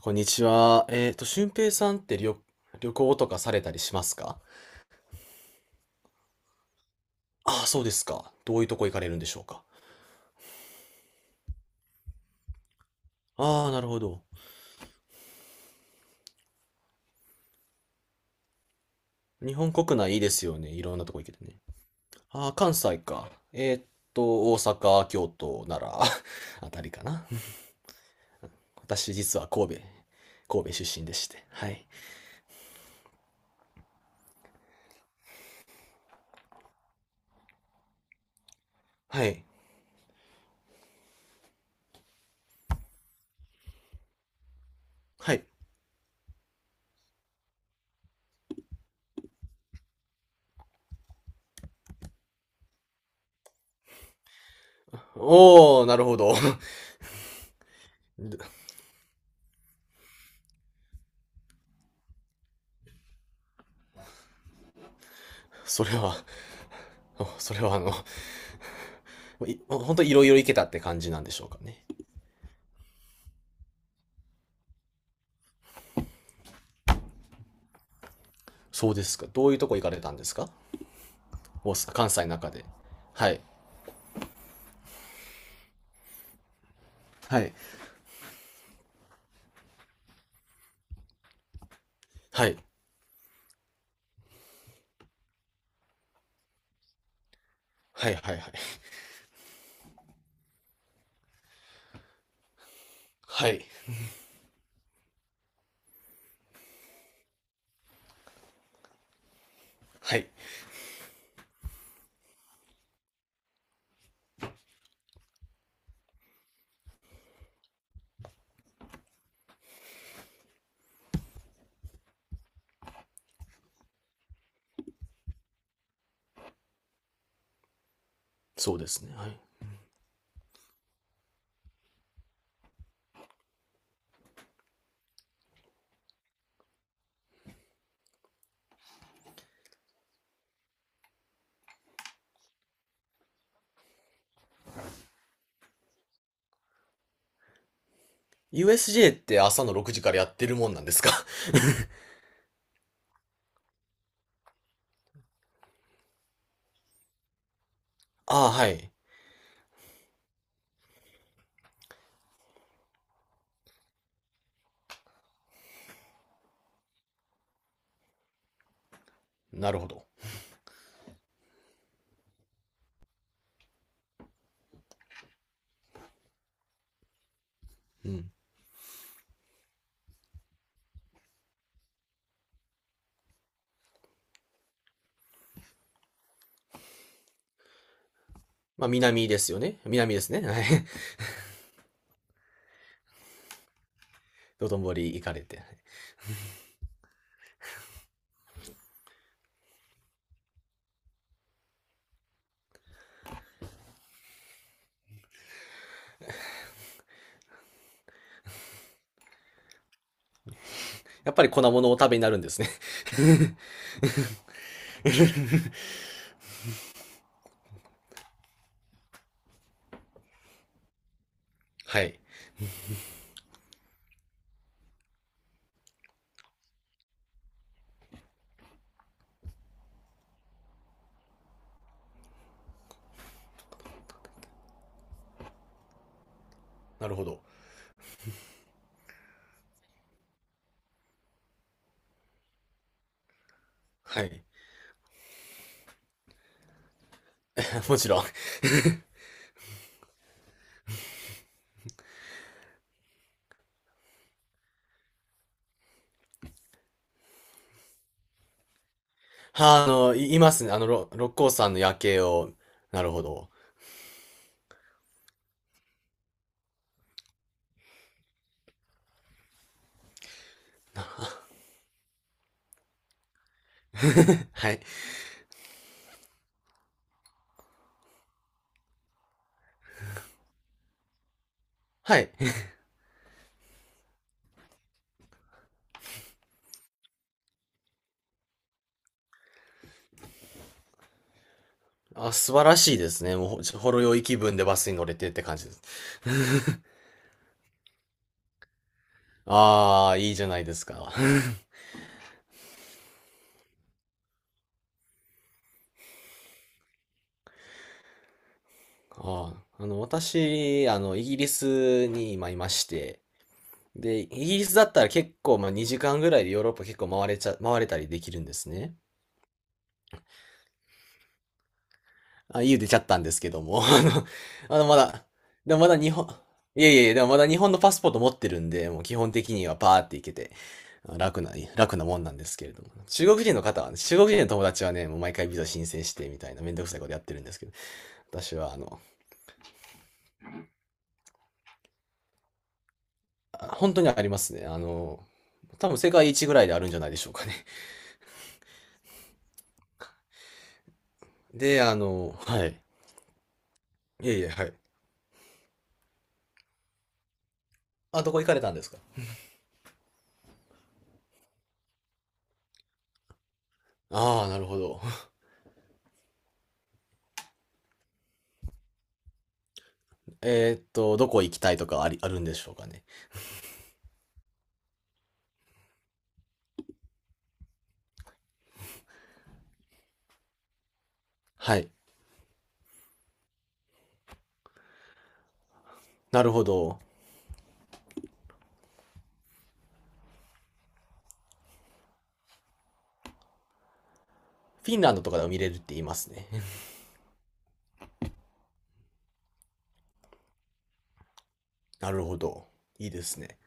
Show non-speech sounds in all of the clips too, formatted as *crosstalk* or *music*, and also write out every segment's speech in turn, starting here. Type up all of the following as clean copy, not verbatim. こんにちは。俊平さんって旅行とかされたりしますか？ああ、そうですか。どういうとこ行かれるんでしょうか。ああ、なるほど。日本国内いいですよね。いろんなとこ行けてね。ああ、関西か。大阪、京都、奈良 *laughs* あたりかな。私、実は神戸出身でして。はい。はい。はい。おー、なるほど。*laughs* でそれは、それはあの、本当いろいろ行けたって感じなんでしょうかね。そうですか。どういうとこ行かれたんですか？大阪、関西の中で。はい。はい。はい。はい、はい、はい。はい。はい。そうですね。はい。USJ って朝の6時からやってるもんなんですか？ *laughs* ああ、はい。なるほど。うん。まあ、南ですよね。南ですね。はい。*laughs* 道頓堀行かれて。はい。やっぱり粉物をお食べになるんですね。*laughs* はい。なるほど。はい。*laughs* もちろん。いいますね。六甲山の夜景を。なるほど。*laughs* はい。はい。あ、素晴らしいですね。もうほ、ほろ酔い気分でバスに乗れてって感じです。ああ、いいじゃないですか。*laughs* ああ、私、イギリスに今いまして、で、イギリスだったら結構、まあ、2時間ぐらいでヨーロッパ結構回れちゃ、回れたりできるんですね。あ、言う出ちゃったんですけども、*laughs* あの、あのまだ、でもまだ日本、いやいやいや、でもまだ日本のパスポート持ってるんで、もう基本的にはパーって行けて、楽な、楽なもんなんですけれども。中国人の友達はね、もう毎回ビザ申請してみたいなめんどくさいことやってるんですけど、私はあの、本当にありますね。多分世界一ぐらいであるんじゃないでしょうかね。*laughs* で、はい。いやいや、はい。あ、どこ行かれたんですか？ああ、なるほど。*laughs* えーっと、どこ行きたいとかあり、あるんでしょうかね。はい。なるほど。フィンランドとかでも見れるって言いますね。*laughs* なるほど。いいですね。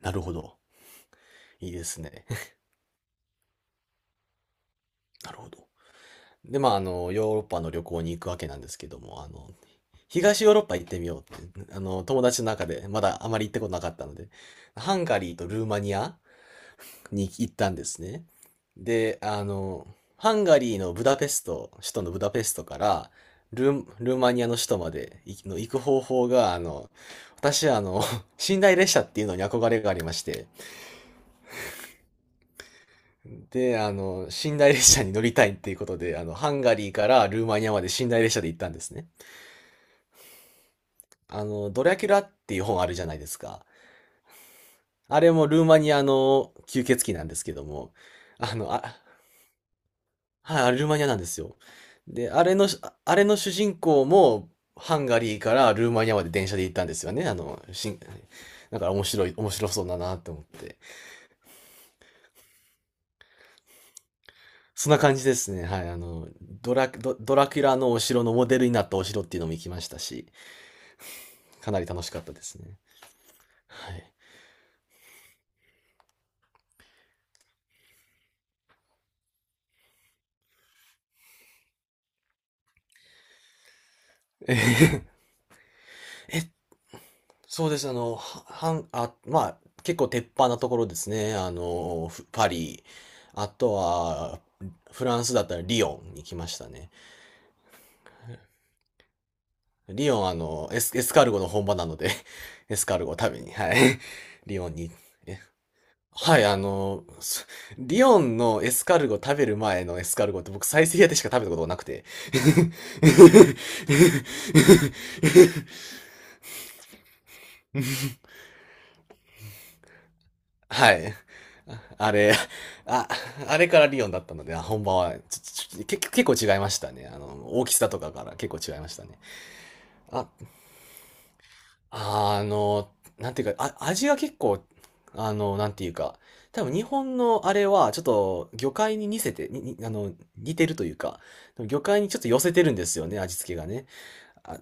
なるほど。いいですね。*laughs* なるほど。で、まあ、ヨーロッパの旅行に行くわけなんですけども、東ヨーロッパ行ってみようって、友達の中でまだあまり行ったことなかったので、ハンガリーとルーマニアに行ったんですね。で、ハンガリーのブダペスト、首都のブダペストからルーマニアの首都まで行きの行く方法が、私は*laughs* 寝台列車っていうのに憧れがありまして、で、寝台列車に乗りたいっていうことで、ハンガリーからルーマニアまで寝台列車で行ったんですね。ドラキュラっていう本あるじゃないですか。あれもルーマニアの吸血鬼なんですけども、あの、あ、はい、あれルーマニアなんですよ。で、あれの主人公も、ハンガリーからルーマニアまで電車で行ったんですよね。だから面白そうだなと思って。そんな感じですね。はい、ドラキュラのお城のモデルになったお城っていうのも行きましたし、かなり楽しかったですね。はい。えー *laughs* え、そうです。あの、ははん、あ、まあ、結構鉄板なところですね。パリ、あとは、フランスだったらリヨンに来ましたね。リヨン、エスカルゴの本場なので *laughs* エスカルゴを食べに、はい。*laughs* リヨンに、え、はい、リヨンのエスカルゴ食べる前のエスカルゴって僕、サイゼリヤでしか食べたことがなくて。*laughs* はい。あれ、あ、あれからリヨンだったので、あ、本場は、ちちち結構違いましたね。大きさとかから結構違いましたね。あ、あの、なんていうか、味が結構、なんていうか、多分日本のあれは、ちょっと魚介に似せて、に、に似てるというか、魚介にちょっと寄せてるんですよね、味付けがね。あ、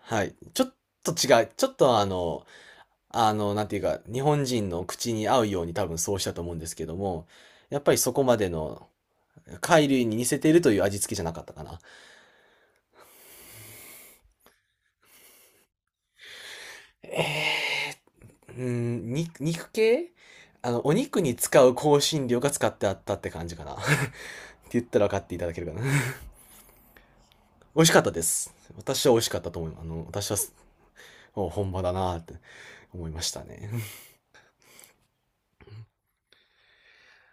はい。ちょっと違う。ちょっとなんていうか、日本人の口に合うように多分そうしたと思うんですけども、やっぱりそこまでの貝類に似せているという味付けじゃなかったかな。えーうーん、肉系お肉に使う香辛料が使ってあったって感じかな。*laughs* って言ったら分かっていただけるかな。*laughs* 美味しかったです。私は美味しかったと思います。私は、お本場だなーって思いましたね。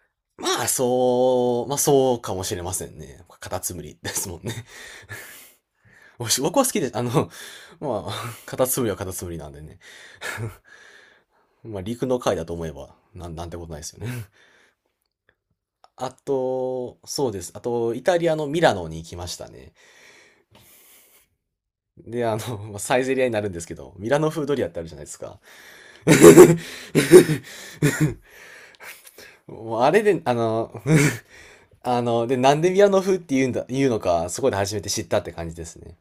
*laughs* まあ、まあそうかもしれませんね。カタツムリですもんね。おし僕は好きで、*laughs* まあ、カタツムリはカタツムリなんでね。*laughs* まあ、陸の貝だと思えば、なんてことないですよね。*laughs* あと、そうです。あと、イタリアのミラノに行きましたね。で、まあサイゼリアになるんですけど、ミラノ風ドリアってあるじゃないですか。*laughs* もうあれで、*laughs* で、なんでミラノ風って言うのか、そこで初めて知ったって感じですね。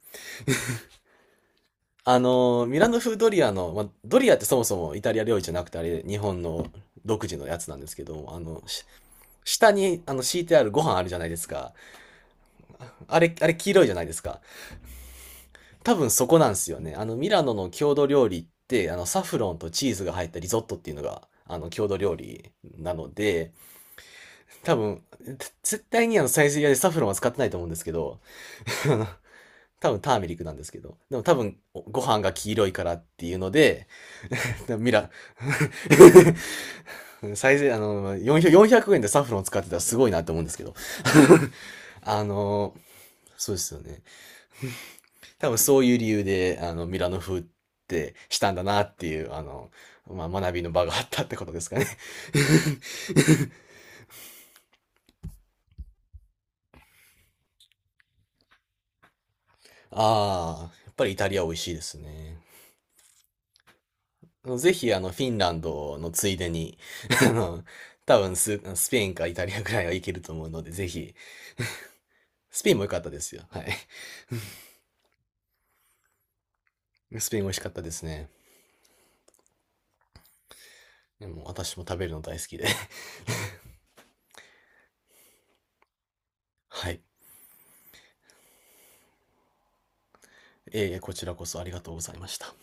ミラノ風ドリアの、まあ、ドリアってそもそもイタリア料理じゃなくて、あれ、日本の独自のやつなんですけど、下に、敷いてあるご飯あるじゃないですか。あれ、あれ黄色いじゃないですか。多分そこなんですよね。ミラノの郷土料理って、サフロンとチーズが入ったリゾットっていうのが、郷土料理なので、多分、絶対にサイゼリヤでサフロンは使ってないと思うんですけど、*laughs* 多分ターメリックなんですけど。でも多分、ご飯が黄色いからっていうので、ミラ、*laughs* サイゼ、あの、400 円でサフロン使ってたらすごいなって思うんですけど。*laughs* あの、そうですよね。多分そういう理由で、ミラノ風ってしたんだなっていう、まあ、学びの場があったってことですかね。*laughs* ああ、やっぱりイタリア美味しいですね。あのぜひ、フィンランドのついでに、*laughs* あの、多分ス、スペインかイタリアぐらいはいけると思うので、ぜひ、スペインも良かったですよ。はい。スペイン美味しかったですね。でも私も食べるの大好きで。*laughs* はい。えー、こちらこそありがとうございました。